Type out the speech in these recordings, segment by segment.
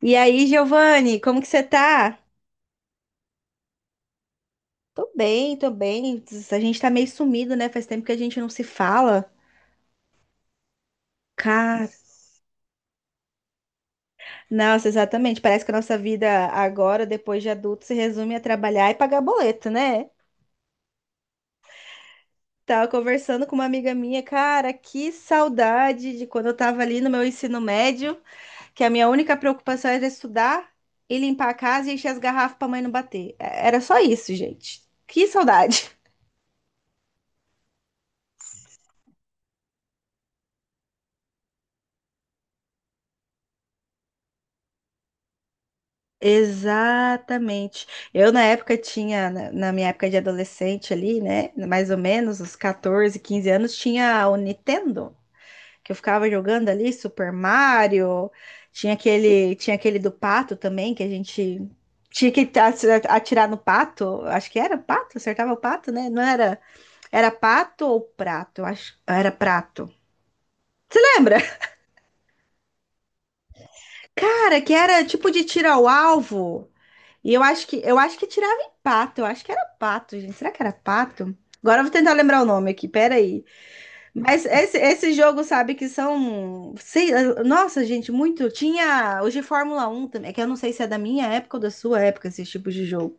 E aí, Giovanni, como que você tá? Tô bem, tô bem. A gente tá meio sumido, né? Faz tempo que a gente não se fala. Cara, nossa, exatamente. Parece que a nossa vida agora, depois de adulto, se resume a trabalhar e pagar boleto, né? Tava conversando com uma amiga minha, cara, que saudade de quando eu tava ali no meu ensino médio, que a minha única preocupação era estudar e limpar a casa e encher as garrafas pra mãe não bater. Era só isso, gente. Que saudade. Exatamente. Eu, na época, tinha, na minha época de adolescente ali, né? Mais ou menos, os 14, 15 anos, tinha o Nintendo, que eu ficava jogando ali, Super Mario. Tinha aquele do pato também, que a gente tinha que atirar no pato. Acho que era pato, acertava o pato, né? Não era, era pato ou prato? Eu acho, era prato. Lembra? Cara, que era tipo de tiro ao alvo. E eu acho que tirava em pato, eu acho que era pato, gente. Será que era pato? Agora eu vou tentar lembrar o nome aqui, peraí. Mas esse jogo, sabe, que são. Sei, nossa, gente, muito. Tinha hoje Fórmula 1 também, é que eu não sei se é da minha época ou da sua época esses tipos de jogo.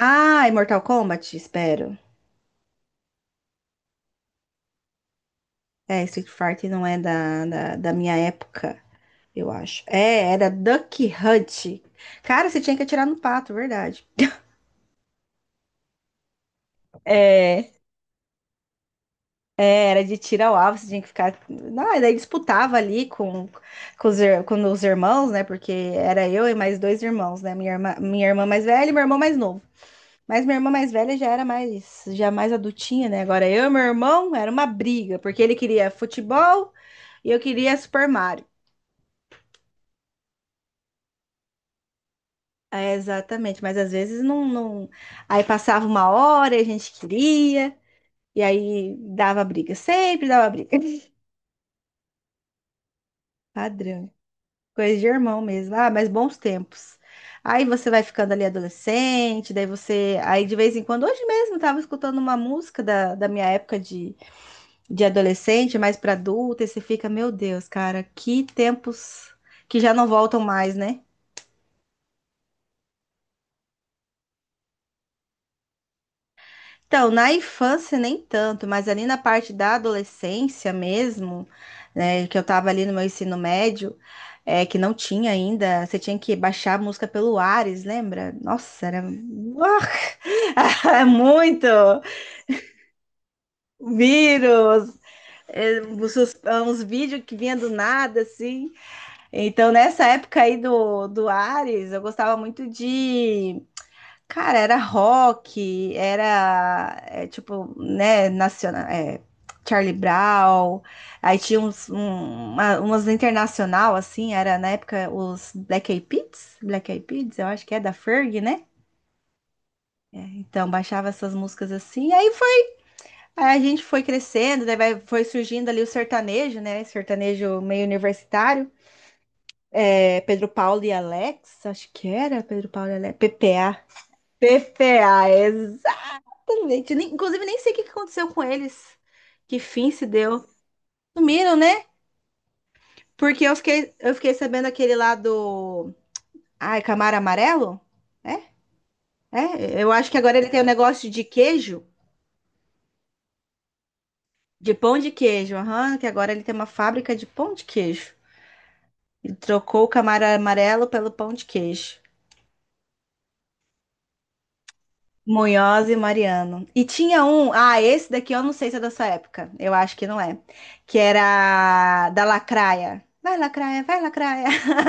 Ah, e Mortal Kombat, espero. É, Street Fighter não é da minha época, eu acho. É, era Duck Hunt. Cara, você tinha que atirar no pato, verdade. É. É, era de tiro ao alvo, você tinha que ficar. Não, e daí disputava ali com os irmãos, né? Porque era eu e mais dois irmãos, né? Minha irmã mais velha e meu irmão mais novo. Mas minha irmã mais velha já era mais, já mais adultinha, né? Agora eu e meu irmão era uma briga, porque ele queria futebol e eu queria Super Mario. É, exatamente, mas às vezes não, não. Aí passava uma hora e a gente queria, e aí dava briga, sempre dava briga. Padrão. Coisa de irmão mesmo. Ah, mas bons tempos. Aí você vai ficando ali adolescente, daí você. Aí de vez em quando, hoje mesmo, eu tava escutando uma música da minha época de adolescente, mais pra adulta, e você fica, meu Deus, cara, que tempos que já não voltam mais, né? Então, na infância nem tanto, mas ali na parte da adolescência mesmo, né, que eu tava ali no meu ensino médio, é, que não tinha ainda, você tinha que baixar a música pelo Ares, lembra? Nossa, era muito vírus, é, uns vídeos que vinha do nada, assim. Então, nessa época aí do Ares, eu gostava muito de cara, era rock, era é, tipo, né, nacional, é, Charlie Brown, aí tinha uns, um, umas internacional, assim, era na época os Black Eyed Peas, eu acho que é da Ferg, né? Então baixava essas músicas assim, aí foi, aí a gente foi crescendo, daí foi surgindo ali o sertanejo, né? Sertanejo meio universitário, é, Pedro Paulo e Alex, acho que era Pedro Paulo e Alex, PPA. PPA, exatamente. Inclusive, nem sei o que que aconteceu com eles. Que fim se deu. Sumiram, né? Porque eu fiquei sabendo aquele lá do. Ai, Camaro Amarelo? É? É? Eu acho que agora ele tem um negócio de queijo. De pão de queijo. Aham, que agora ele tem uma fábrica de pão de queijo. Ele trocou o Camaro Amarelo pelo pão de queijo. Munhoz e Mariano. E tinha um. Ah, esse daqui eu não sei se é dessa época. Eu acho que não é. Que era da Lacraia. Vai, Lacraia, vai, Lacraia.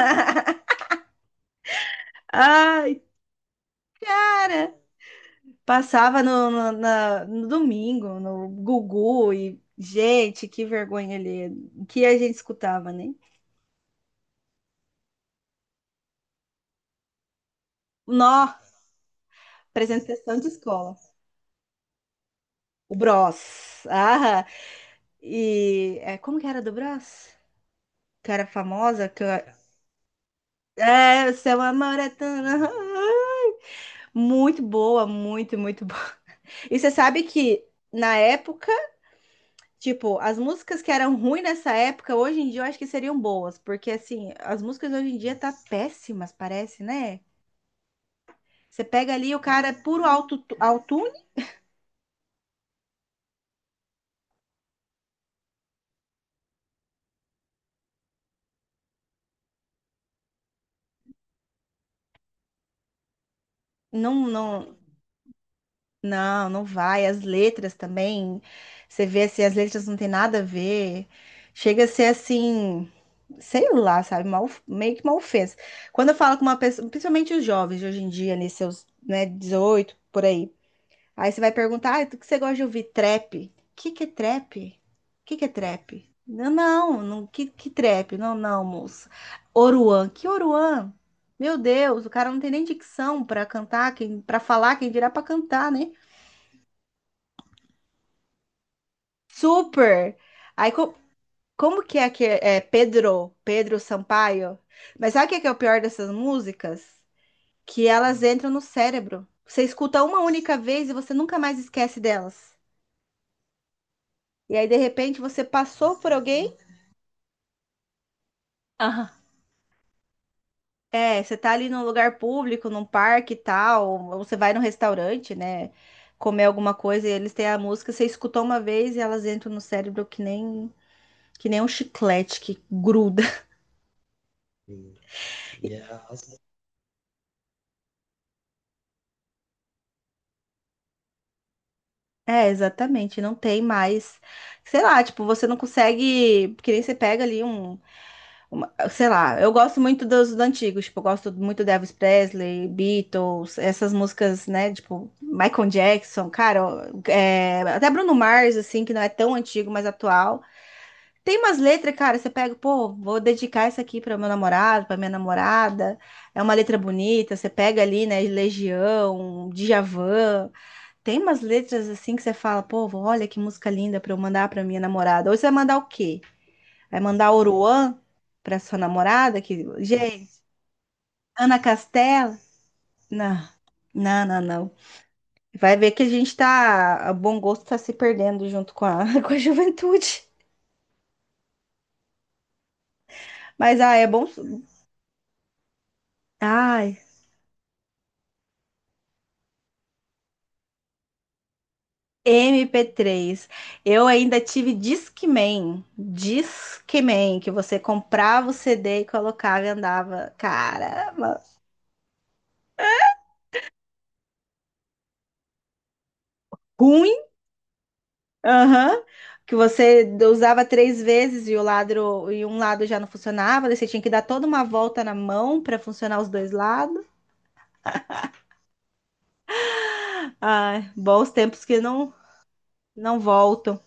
Ah. Cara, passava no domingo, no Gugu e, gente, que vergonha ali. O que a gente escutava, né? Nó, apresentação de escola. O Bros. Ah, e é, como que era do Bros? Que era famosa, que eu- é, o seu amor é tão... Muito boa, muito, muito boa. E você sabe que na época tipo, as músicas que eram ruins nessa época, hoje em dia eu acho que seriam boas, porque assim, as músicas hoje em dia tá péssimas, parece, né? Você pega ali o cara é puro autotune, não, não, não, não vai. As letras também, você vê assim, as letras não tem nada a ver. Chega a ser assim, sei lá, sabe? Uma meio que uma ofensa. Quando eu falo com uma pessoa, principalmente os jovens de hoje em dia, ali seus, né, 18, por aí. Aí você vai perguntar, ah, o que você gosta de ouvir? Trap. O que que é trap? O que que é trap? Não, não, não, que trap? Não, não, moça. Oruan. Que Oruan? Meu Deus, o cara não tem nem dicção para cantar, quem, para falar, quem dirá para cantar, né? Super. Aí como que é, é Pedro, Pedro Sampaio? Mas sabe o que que é o pior dessas músicas? Que elas entram no cérebro. Você escuta uma única vez e você nunca mais esquece delas. E aí, de repente, você passou por alguém. Aham. É, você tá ali num lugar público, num parque e tal, ou você vai num restaurante, né? Comer alguma coisa e eles têm a música, você escutou uma vez e elas entram no cérebro que nem um chiclete que gruda. É, exatamente, não tem mais. Sei lá, tipo, você não consegue. Que nem você pega ali um. Sei lá, eu gosto muito dos antigos, tipo, eu gosto muito de Elvis Presley, Beatles, essas músicas, né, tipo, Michael Jackson, cara, ó, é, até Bruno Mars, assim, que não é tão antigo, mas atual. Tem umas letras, cara, você pega, pô, vou dedicar isso aqui para meu namorado, para minha namorada. É uma letra bonita, você pega ali, né, Legião, Djavan. Tem umas letras assim que você fala, pô, olha que música linda para eu mandar para minha namorada. Ou você vai mandar o quê? Vai mandar Oruan pra sua namorada? Que... Gente, Ana Castela? Não, não, não, não. Vai ver que a gente tá. O bom gosto tá se perdendo junto com a, com a juventude. Mas, ah, é bom. Ai, MP3. Eu ainda tive Discman. Discman, que você comprava o CD e colocava e andava. Cara, ruim. Aham. Que você usava 3 vezes e o lado e um lado já não funcionava, daí você tinha que dar toda uma volta na mão para funcionar os dois lados. Ai, bons tempos que não voltam.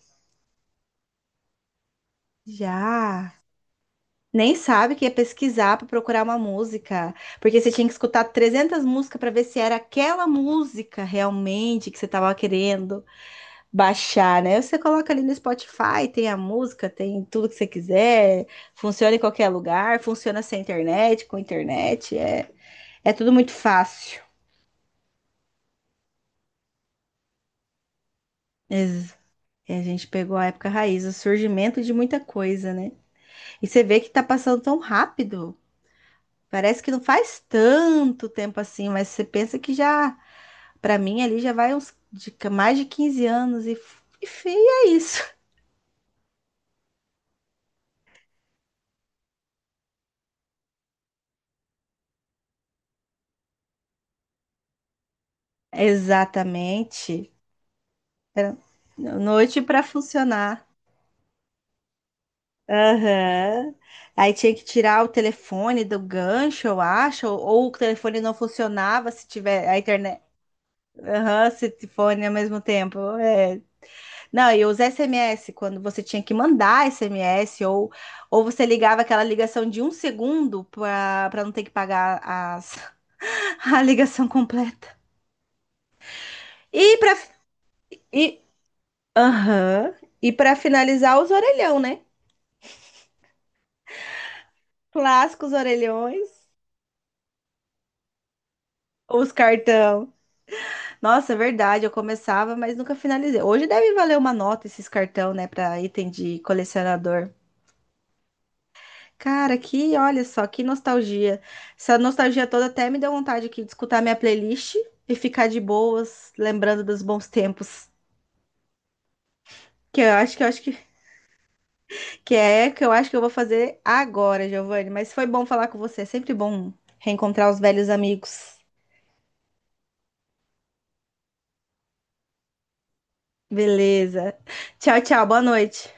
Já nem sabe que ia pesquisar para procurar uma música, porque você tinha que escutar 300 músicas para ver se era aquela música realmente que você estava querendo. Baixar, né? Você coloca ali no Spotify, tem a música, tem tudo que você quiser, funciona em qualquer lugar, funciona sem internet, com internet, é, é tudo muito fácil. Ex- e a gente pegou a época raiz, o surgimento de muita coisa, né? E você vê que tá passando tão rápido. Parece que não faz tanto tempo assim, mas você pensa que já, pra mim ali já vai uns mais de 15 anos e, e é isso. Exatamente. Era noite pra funcionar. Aham. Aí tinha que tirar o telefone do gancho, eu acho, ou o telefone não funcionava se tiver a internet. Aham, se t- fone ao mesmo tempo. É. Não, e os SMS, quando você tinha que mandar SMS, ou você ligava aquela ligação de 1 segundo para não ter que pagar as, a ligação completa. E para e, aham, e para finalizar, os orelhão, né? Clássicos orelhões, os cartão. Nossa, é verdade, eu começava, mas nunca finalizei. Hoje deve valer uma nota esses cartão, né, para item de colecionador. Cara, que, olha só, que nostalgia. Essa nostalgia toda até me deu vontade aqui de escutar minha playlist e ficar de boas, lembrando dos bons tempos. Que eu acho que eu acho que eu vou fazer agora, Giovanni. Mas foi bom falar com você. É sempre bom reencontrar os velhos amigos. Beleza. Tchau, tchau. Boa noite.